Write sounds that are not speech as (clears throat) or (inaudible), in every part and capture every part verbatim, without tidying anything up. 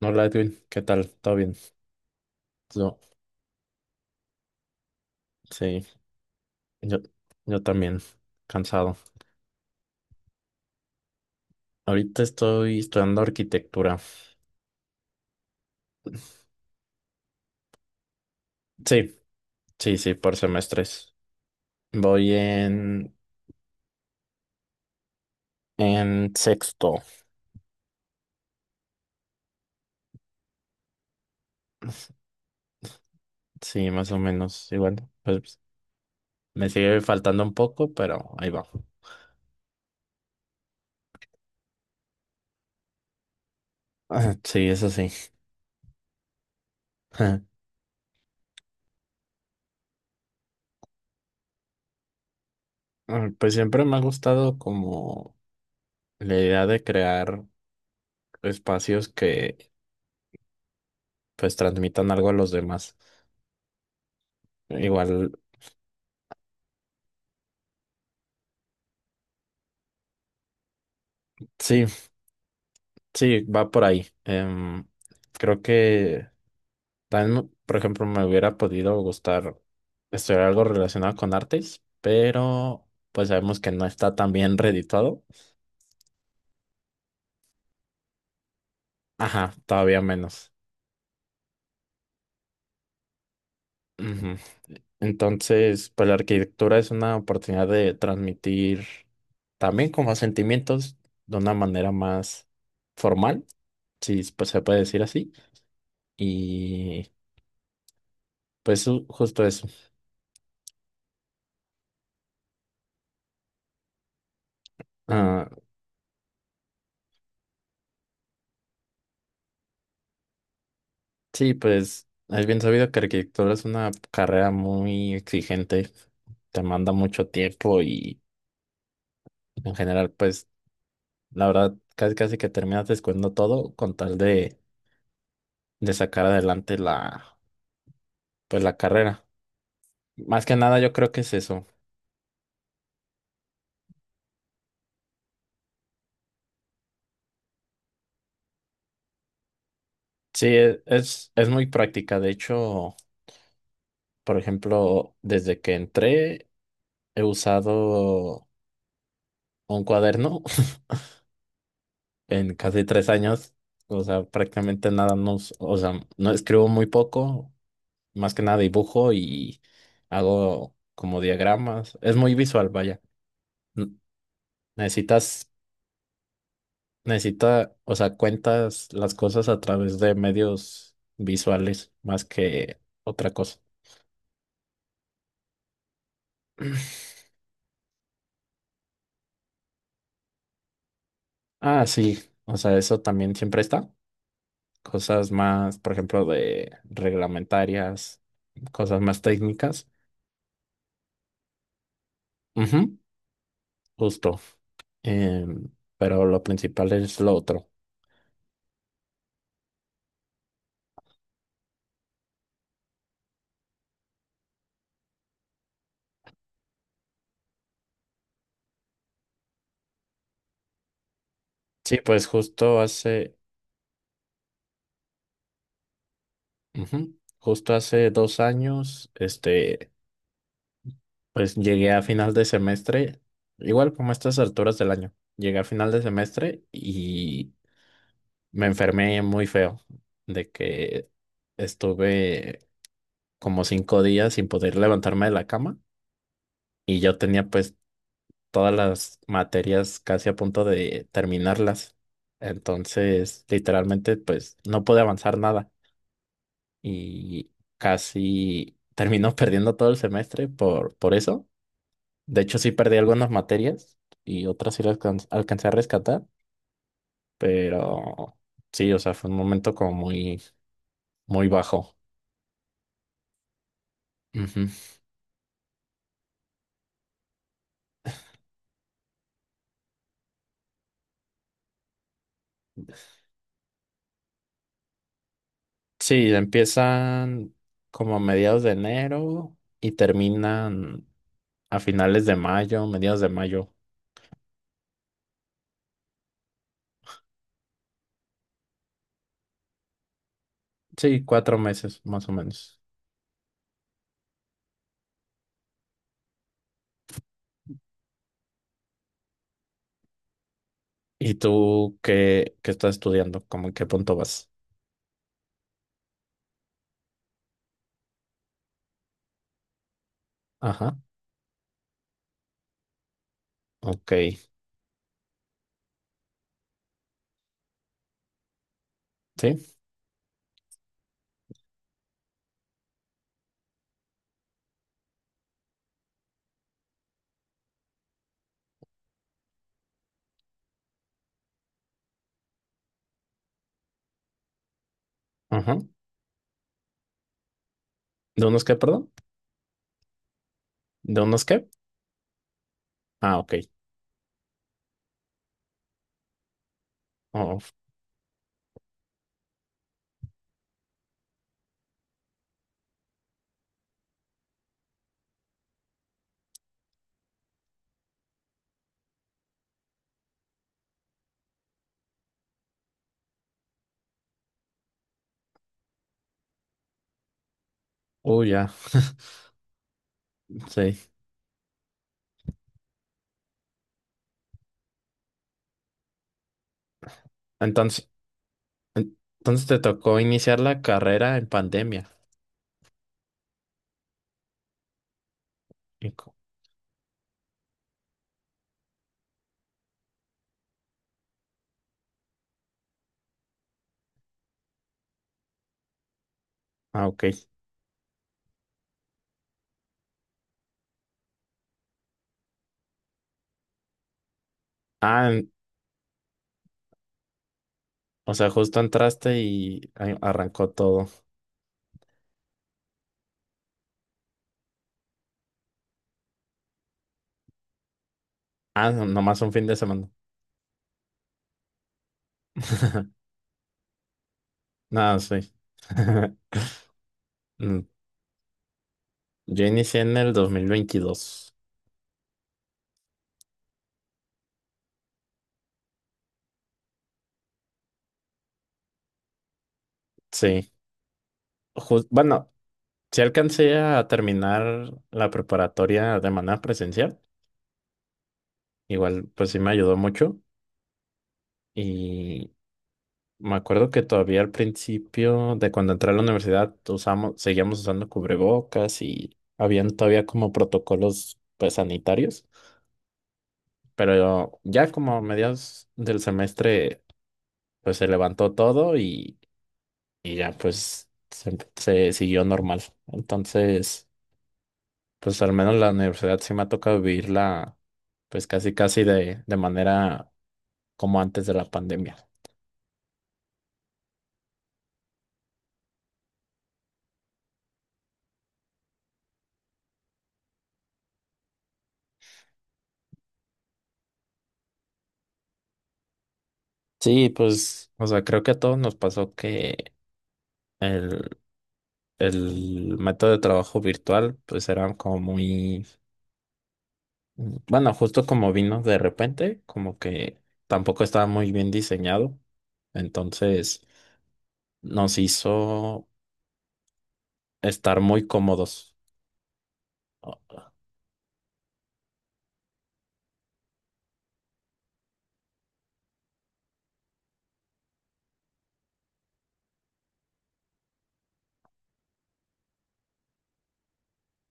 Hola Edwin, ¿qué tal? ¿Todo bien? Yo, sí, yo, yo también, cansado. Ahorita estoy estudiando arquitectura. Sí, sí, sí, por semestres. Voy en, en sexto, sí, más o menos, igual. Pues me sigue faltando un poco, pero ahí va. (laughs) Sí, eso sí. (laughs) Ah, pues siempre me ha gustado como la idea de crear espacios que pues transmitan algo a los demás. Igual, sí. Sí, va por ahí. Em, creo que también, por ejemplo, me hubiera podido gustar estudiar algo relacionado con artes, pero pues sabemos que no está tan bien reeditado. Ajá, todavía menos. Ujú. Entonces, pues la arquitectura es una oportunidad de transmitir también como sentimientos de una manera más formal, si pues, se puede decir así. Y pues ju- justo eso. Ah, sí, pues es bien sabido que arquitectura es una carrera muy exigente, te manda mucho tiempo y en general, pues la verdad, casi casi que terminas descuidando todo con tal de, de sacar adelante la, pues, la carrera. Más que nada, yo creo que es eso. Sí, e- es, es muy práctica. De hecho, por ejemplo, desde que entré, he usado un cuaderno (laughs) en casi tres años. O sea, prácticamente nada, no, us- o sea, no escribo muy poco más que nada dibujo y hago como diagramas. Es muy visual, vaya. N- Necesitas, necesita, o sea, cuentas las cosas a través de medios visuales más que otra cosa. (clears throat) Ah, sí, o sea, eso también siempre está. Cosas más, por ejemplo, de reglamentarias, cosas más técnicas. Ujú, justo. Em, pero lo principal es lo otro. Sí, pues justo hace, Ujú. Justo hace dos años, este, pues llegué a final de semestre, igual como a estas alturas del año, llegué a final de semestre y me enfermé muy feo, de que estuve como cinco días sin poder levantarme de la cama y yo tenía pues todas las materias casi a punto de terminarlas. Entonces, literalmente, pues no pude avanzar nada. Y casi terminó (laughs) perdiendo todo el semestre por, por eso. De hecho, sí perdí algunas materias y otras sí las alcanz- alcancé a rescatar, pero sí, o sea, fue un momento como muy, muy bajo. Ujú. Sí, empiezan como a mediados de enero y terminan a finales de mayo, mediados de mayo. Sí, cuatro meses más o menos. ¿Y tú qué, qué estás estudiando? ¿Cómo en qué punto vas? Ajá, ok, sí, ajá. ¿De unos qué, perdón? ¿De unos qué? Ah, ok. Oh, oh, ya, sí. Entonces, entonces te tocó iniciar la carrera en pandemia. Y co- Ah, ok. Ah, en- o sea, justo entraste y a- arrancó todo. Ah, no- nomás un fin de semana. (laughs) Nada, sí. (laughs) Mm, yo inicié en el dos mil veintidós. Sí. Jus- bueno, sí alcancé a terminar la preparatoria de manera presencial. Igual, pues sí me ayudó mucho. Y me acuerdo que todavía al principio de cuando entré a la universidad usamos, seguíamos usando cubrebocas y habían todavía como protocolos pues sanitarios, pero ya como a mediados del semestre pues se levantó todo y, y ya pues se, se siguió normal. Entonces pues al menos la universidad sí me ha tocado vivirla pues casi casi de, de manera como antes de la pandemia. Sí, pues o sea creo que a todos nos pasó que... El, el método de trabajo virtual, pues era como muy, bueno, justo como vino de repente, como que tampoco estaba muy bien diseñado, entonces nos hizo estar muy cómodos. O-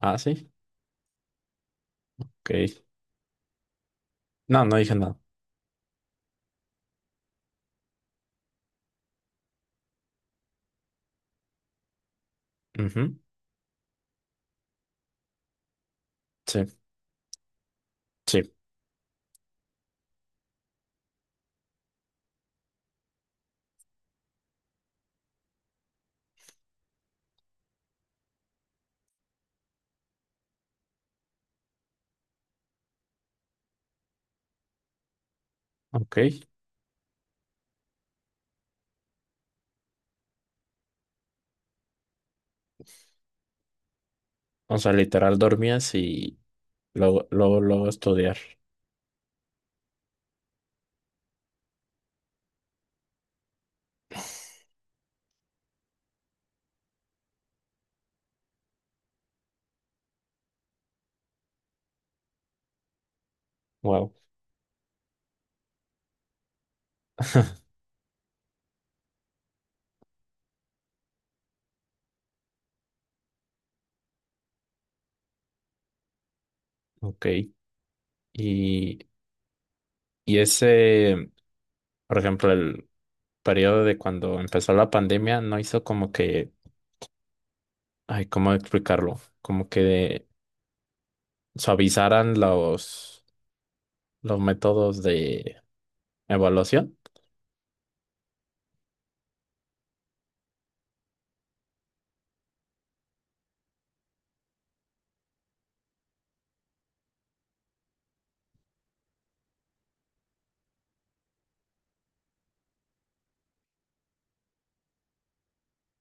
Ah, sí, ok. No, no dije nada. Ujú, sí, sí, ok. O sea, literal dormías y luego, luego, luego estudiar. Wow, ok. Y, y ese... Por ejemplo, el periodo de cuando empezó la pandemia no hizo como que, ay, ¿cómo explicarlo? Como que suavizaran los, los métodos de evaluación.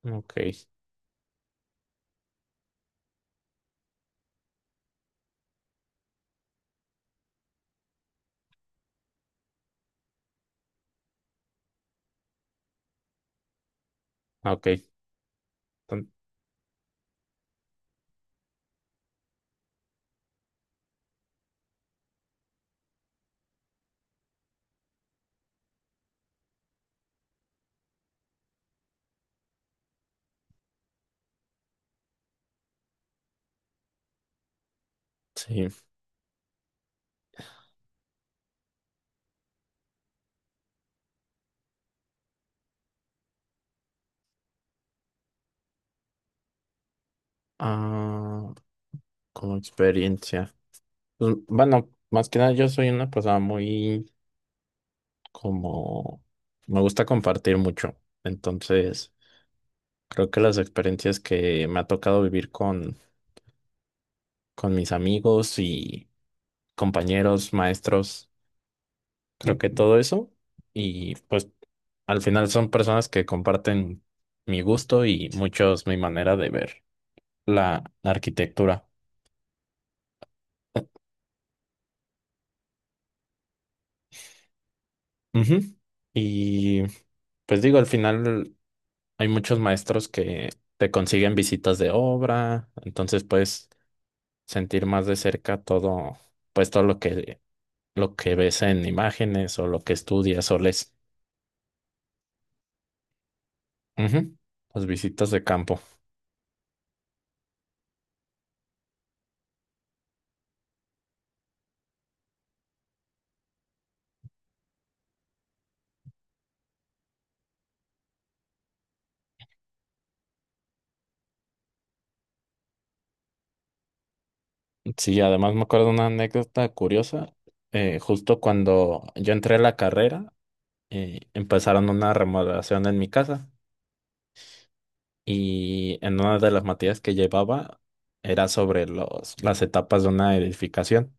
Ok, ok. Ton- Sí. Ah, como experiencia. Pues, bueno, más que nada yo soy una persona muy como... Me gusta compartir mucho. Entonces, creo que las experiencias que me ha tocado vivir con, con mis amigos y compañeros, maestros, creo que todo eso. Y pues al final son personas que comparten mi gusto y muchos mi manera de ver la arquitectura. Ujú. Y pues digo, al final hay muchos maestros que te consiguen visitas de obra, entonces puedes sentir más de cerca todo, pues todo lo que lo que ves en imágenes o lo que estudias o lees. Ujú. Las visitas de campo. Sí, además me acuerdo de una anécdota curiosa. Eh, justo cuando yo entré a la carrera, eh, empezaron una remodelación en mi casa y en una de las materias que llevaba era sobre los, las etapas de una edificación,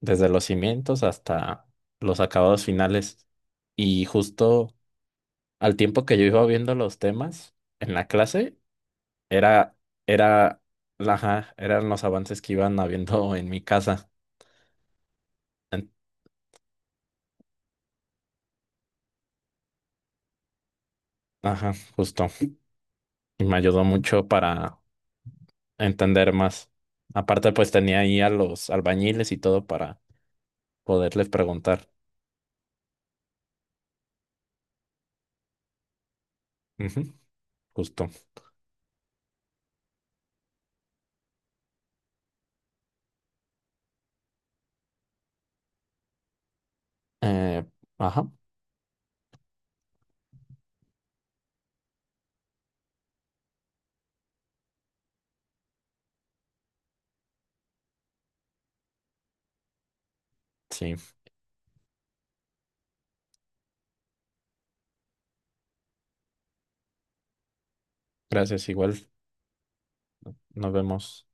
desde los cimientos hasta los acabados finales. Y justo al tiempo que yo iba viendo los temas en la clase, era, era, la- ajá, eran los avances que iban habiendo en mi casa. En- Ajá, justo. Y me ayudó mucho para entender más. Aparte, pues tenía ahí a los albañiles y todo para poderles preguntar. Ujú, justo. Eh, ajá, sí. Gracias, igual. Nos vemos.